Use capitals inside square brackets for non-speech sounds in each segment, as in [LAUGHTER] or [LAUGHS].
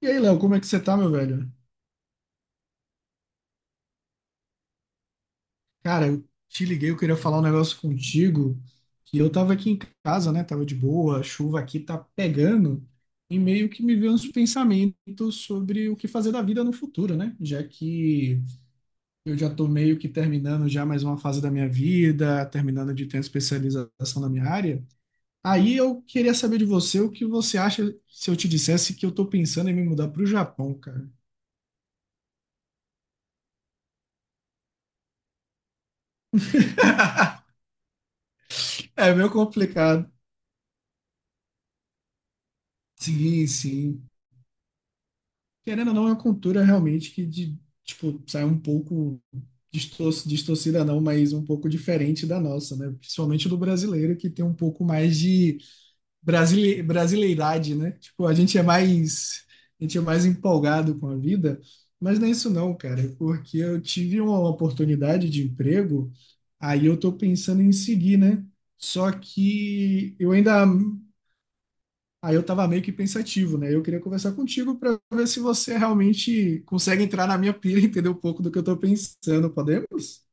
E aí, Léo, como é que você tá, meu velho? Cara, eu te liguei, eu queria falar um negócio contigo, que eu tava aqui em casa, né? Tava de boa, a chuva aqui tá pegando, e meio que me veio uns pensamentos sobre o que fazer da vida no futuro, né? Já que eu já tô meio que terminando já mais uma fase da minha vida, terminando de ter a especialização na minha área. Aí eu queria saber de você o que você acha se eu te dissesse que eu tô pensando em me mudar pro Japão, cara. [LAUGHS] É meio complicado. Sim, sim. Querendo ou não, é uma cultura realmente que de, tipo, sai um pouco distorcida não, mas um pouco diferente da nossa, né? Principalmente do brasileiro, que tem um pouco mais de brasileiridade, né? Tipo, a gente é mais empolgado com a vida, mas não é isso não, cara, porque eu tive uma oportunidade de emprego, aí eu tô pensando em seguir, né? Só que eu ainda. Aí eu estava meio que pensativo, né? Eu queria conversar contigo para ver se você realmente consegue entrar na minha pilha e entender um pouco do que eu estou pensando. Podemos?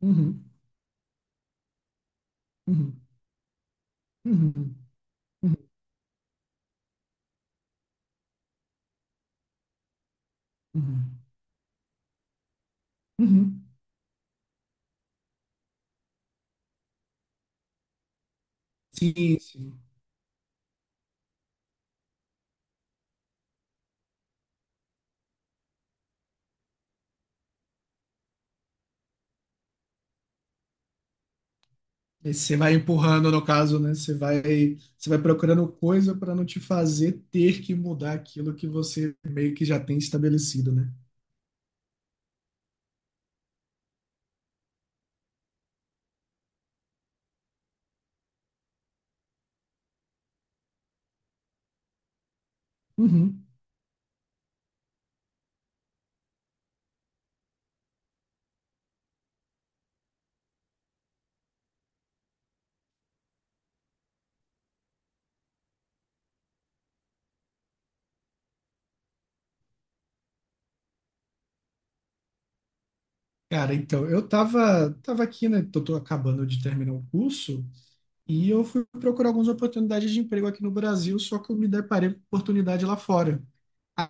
Uhum, uhum, uhum, uhum, uhum, uhum. Sim, sim. E você vai empurrando, no caso, né? Você vai procurando coisa para não te fazer ter que mudar aquilo que você meio que já tem estabelecido, né? Uhum. Cara, então, eu tava aqui, né? Tô acabando de terminar o curso. E eu fui procurar algumas oportunidades de emprego aqui no Brasil, só que eu me deparei com oportunidade lá fora.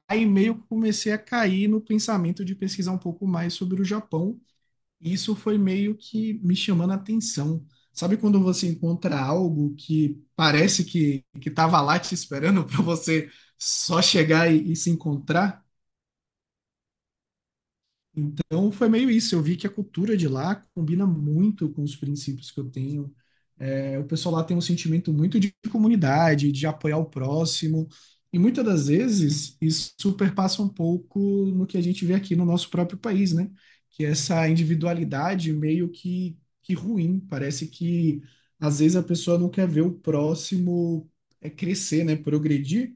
Aí meio que comecei a cair no pensamento de pesquisar um pouco mais sobre o Japão. E isso foi meio que me chamando a atenção. Sabe quando você encontra algo que parece que estava lá te esperando para você só chegar e se encontrar? Então foi meio isso. Eu vi que a cultura de lá combina muito com os princípios que eu tenho. É, o pessoal lá tem um sentimento muito de comunidade, de apoiar o próximo. E muitas das vezes isso superpassa um pouco no que a gente vê aqui no nosso próprio país, né? Que é essa individualidade meio que ruim. Parece que às vezes a pessoa não quer ver o próximo crescer, né? Progredir.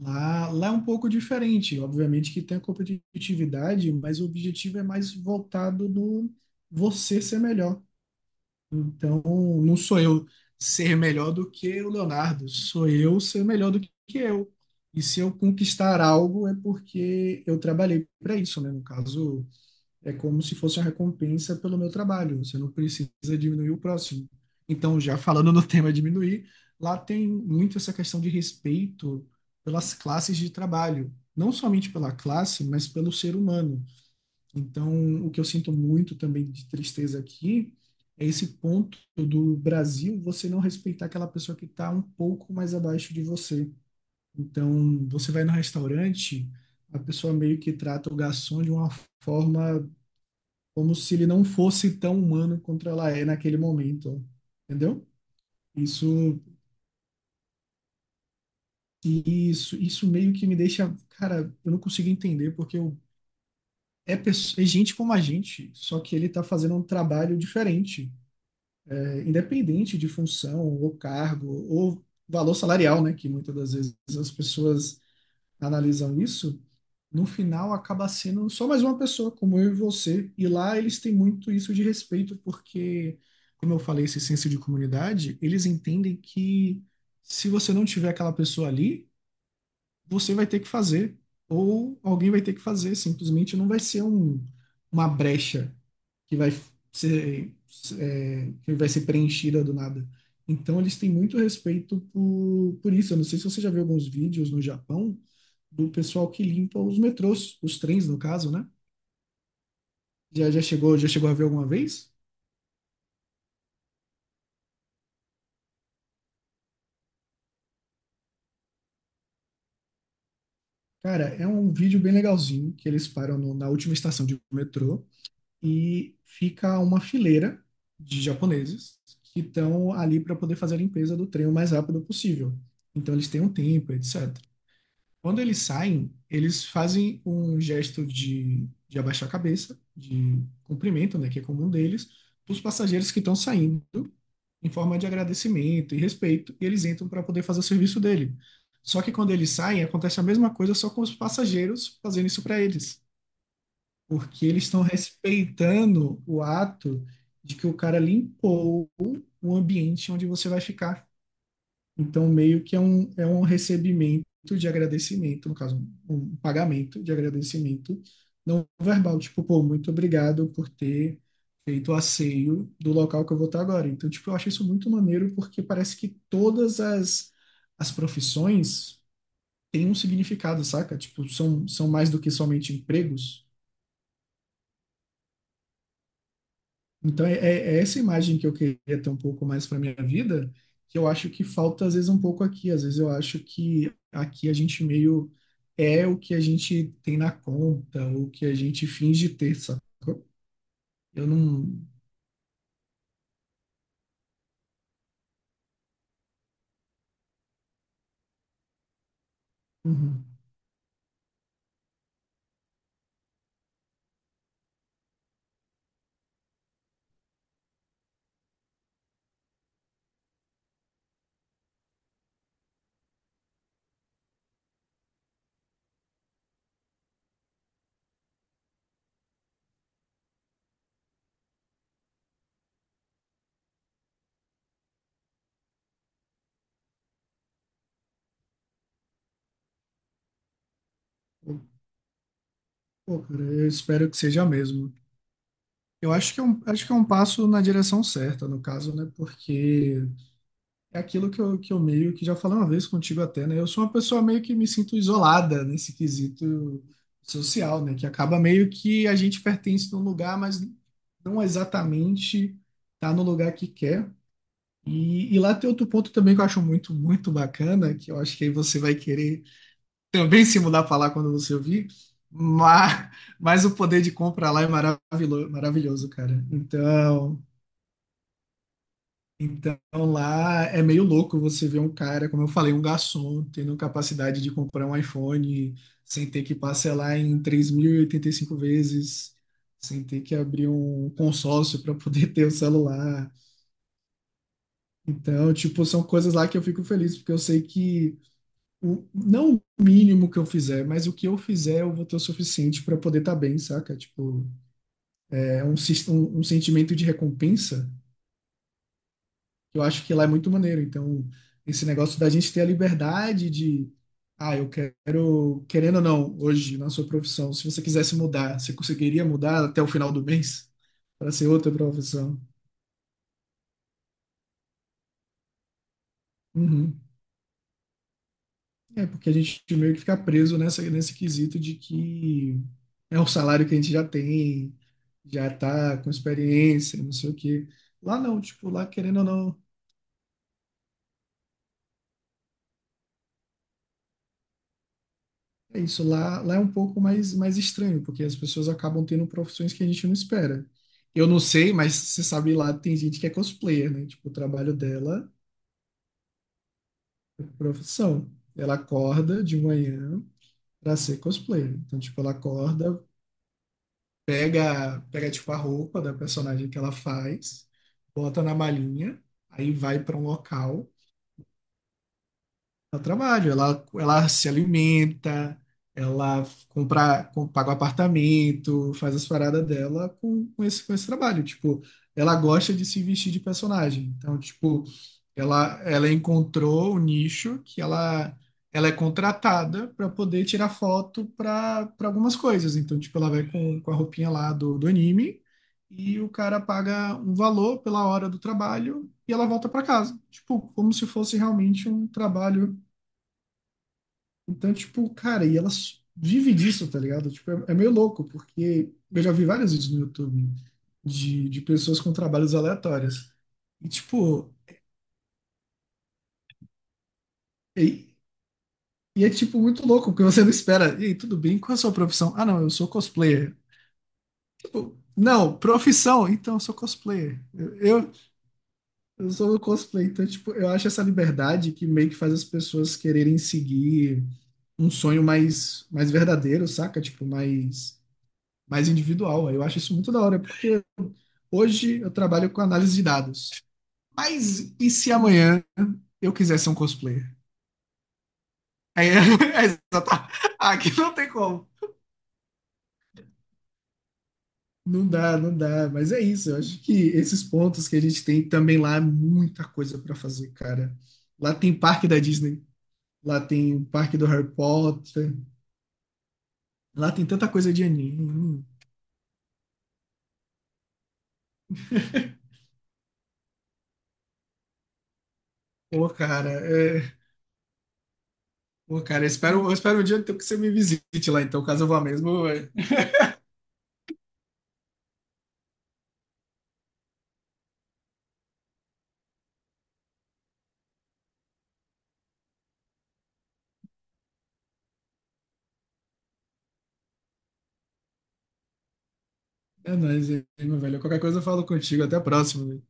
Lá é um pouco diferente, obviamente que tem a competitividade, mas o objetivo é mais voltado no você ser melhor. Então, não sou eu ser melhor do que o Leonardo, sou eu ser melhor do que eu. E se eu conquistar algo é porque eu trabalhei para isso, né? No caso, é como se fosse uma recompensa pelo meu trabalho. Você não precisa diminuir o próximo. Então, já falando no [LAUGHS] tema diminuir, lá tem muito essa questão de respeito pelas classes de trabalho. Não somente pela classe, mas pelo ser humano. Então, o que eu sinto muito também de tristeza aqui é esse ponto do Brasil você não respeitar aquela pessoa que está um pouco mais abaixo de você. Então, você vai no restaurante, a pessoa meio que trata o garçom de uma forma como se ele não fosse tão humano quanto ela é naquele momento, entendeu? Isso, isso meio que me deixa, cara, eu não consigo entender porque eu, é gente como a gente, só que ele tá fazendo um trabalho diferente, independente de função ou cargo ou valor salarial, né? Que muitas das vezes as pessoas analisam isso. No final acaba sendo só mais uma pessoa, como eu e você. E lá eles têm muito isso de respeito, porque, como eu falei, esse senso de comunidade, eles entendem que se você não tiver aquela pessoa ali, você vai ter que fazer, ou alguém vai ter que fazer, simplesmente não vai ser um, uma brecha que vai ser, ser preenchida do nada. Então, eles têm muito respeito por isso. Eu não sei se você já viu alguns vídeos no Japão do pessoal que limpa os metrôs, os trens, no caso, né? Já chegou a ver alguma vez? Cara, é um vídeo bem legalzinho que eles param na última estação de metrô e fica uma fileira de japoneses que estão ali para poder fazer a limpeza do trem o mais rápido possível. Então eles têm um tempo, etc. Quando eles saem, eles fazem um gesto de abaixar a cabeça, de cumprimento, né, que é comum deles, para os passageiros que estão saindo, em forma de agradecimento e respeito, e eles entram para poder fazer o serviço dele. Só que quando eles saem, acontece a mesma coisa, só com os passageiros fazendo isso para eles, porque eles estão respeitando o ato de que o cara limpou o ambiente onde você vai ficar. Então, meio que é um recebimento de agradecimento, no caso, um pagamento de agradecimento não verbal. Tipo, pô, muito obrigado por ter feito o asseio do local que eu vou estar agora. Então, tipo, eu acho isso muito maneiro porque parece que todas as, as profissões têm um significado, saca? Tipo, são, são mais do que somente empregos. Então, é essa imagem que eu queria ter um pouco mais para minha vida, que eu acho que falta às vezes um pouco aqui. Às vezes eu acho que aqui a gente meio é o que a gente tem na conta, ou o que a gente finge ter, sacou? Eu não. Uhum. Pô, cara, eu espero que seja mesmo. Eu acho que é um passo na direção certa, no caso, né? Porque é aquilo que eu meio que já falei uma vez contigo até, né? Eu sou uma pessoa meio que me sinto isolada nesse quesito social, né? Que acaba meio que a gente pertence num lugar, mas não exatamente tá no lugar que quer. E lá tem outro ponto também que eu acho muito, muito bacana, que eu acho que aí você vai querer também se mudar para lá quando você ouvir, mas, mas, o poder de compra lá é maravilhoso, cara. Então. Então lá é meio louco você ver um cara, como eu falei, um garçom tendo capacidade de comprar um iPhone sem ter que parcelar em três mil e oitenta e cinco vezes, sem ter que abrir um consórcio para poder [LAUGHS] ter o celular. Então, tipo, são coisas lá que eu fico feliz, porque eu sei que o, não o mínimo que eu fizer, mas o que eu fizer eu vou ter o suficiente para poder estar bem, saca? Tipo, é um sentimento de recompensa. Eu acho que lá é muito maneiro. Então, esse negócio da gente ter a liberdade de, ah, eu quero, querendo ou não, hoje na sua profissão, se você quisesse mudar, você conseguiria mudar até o final do mês para ser outra profissão? Uhum. É porque a gente meio que fica preso nesse quesito de que é um salário que a gente já tem, já tá com experiência, não sei o quê. Lá não, tipo, lá querendo ou não. É isso, lá é um pouco mais, mais estranho, porque as pessoas acabam tendo profissões que a gente não espera. Eu não sei, mas você sabe lá, tem gente que é cosplayer, né? Tipo, o trabalho dela é profissão. Ela acorda de manhã pra ser cosplayer. Então, tipo, ela acorda, pega tipo, a roupa da personagem que ela faz, bota na malinha, aí vai pra um local. Ela trabalha, ela se alimenta, ela compra, com- paga o apartamento, faz as paradas dela com, com esse trabalho. Tipo, ela gosta de se vestir de personagem. Então, tipo, ela encontrou o nicho que ela é contratada para poder tirar foto para algumas coisas. Então, tipo, ela vai com a roupinha lá do anime e o cara paga um valor pela hora do trabalho e ela volta para casa. Tipo, como se fosse realmente um trabalho. Então, tipo, cara, e elas vivem disso, tá ligado? Tipo, é, é meio louco, porque eu já vi vários vídeos no YouTube de pessoas com trabalhos aleatórios. E, tipo, e, e é, tipo, muito louco, porque você não espera. E aí, tudo bem? Qual é a sua profissão? Ah, não, eu sou cosplayer. Tipo, não, profissão? Então, eu sou cosplayer. Eu sou um cosplayer. Então, tipo, eu acho essa liberdade que meio que faz as pessoas quererem seguir um sonho mais, mais verdadeiro, saca? Tipo, mais individual. Eu acho isso muito da hora, porque hoje eu trabalho com análise de dados. Mas e se amanhã eu quiser ser um cosplayer? Aí, [LAUGHS] é exata- aqui não tem como. Não dá, não dá. Mas é isso. Eu acho que esses pontos que a gente tem também lá é muita coisa para fazer, cara. Lá tem parque da Disney, lá tem o parque do Harry Potter, lá tem tanta coisa de anime. Pô, cara, é... Pô, cara, eu espero um dia que você me visite lá, então, caso eu vá mesmo, é, é nóis aí, meu velho. Qualquer coisa eu falo contigo. Até a próxima.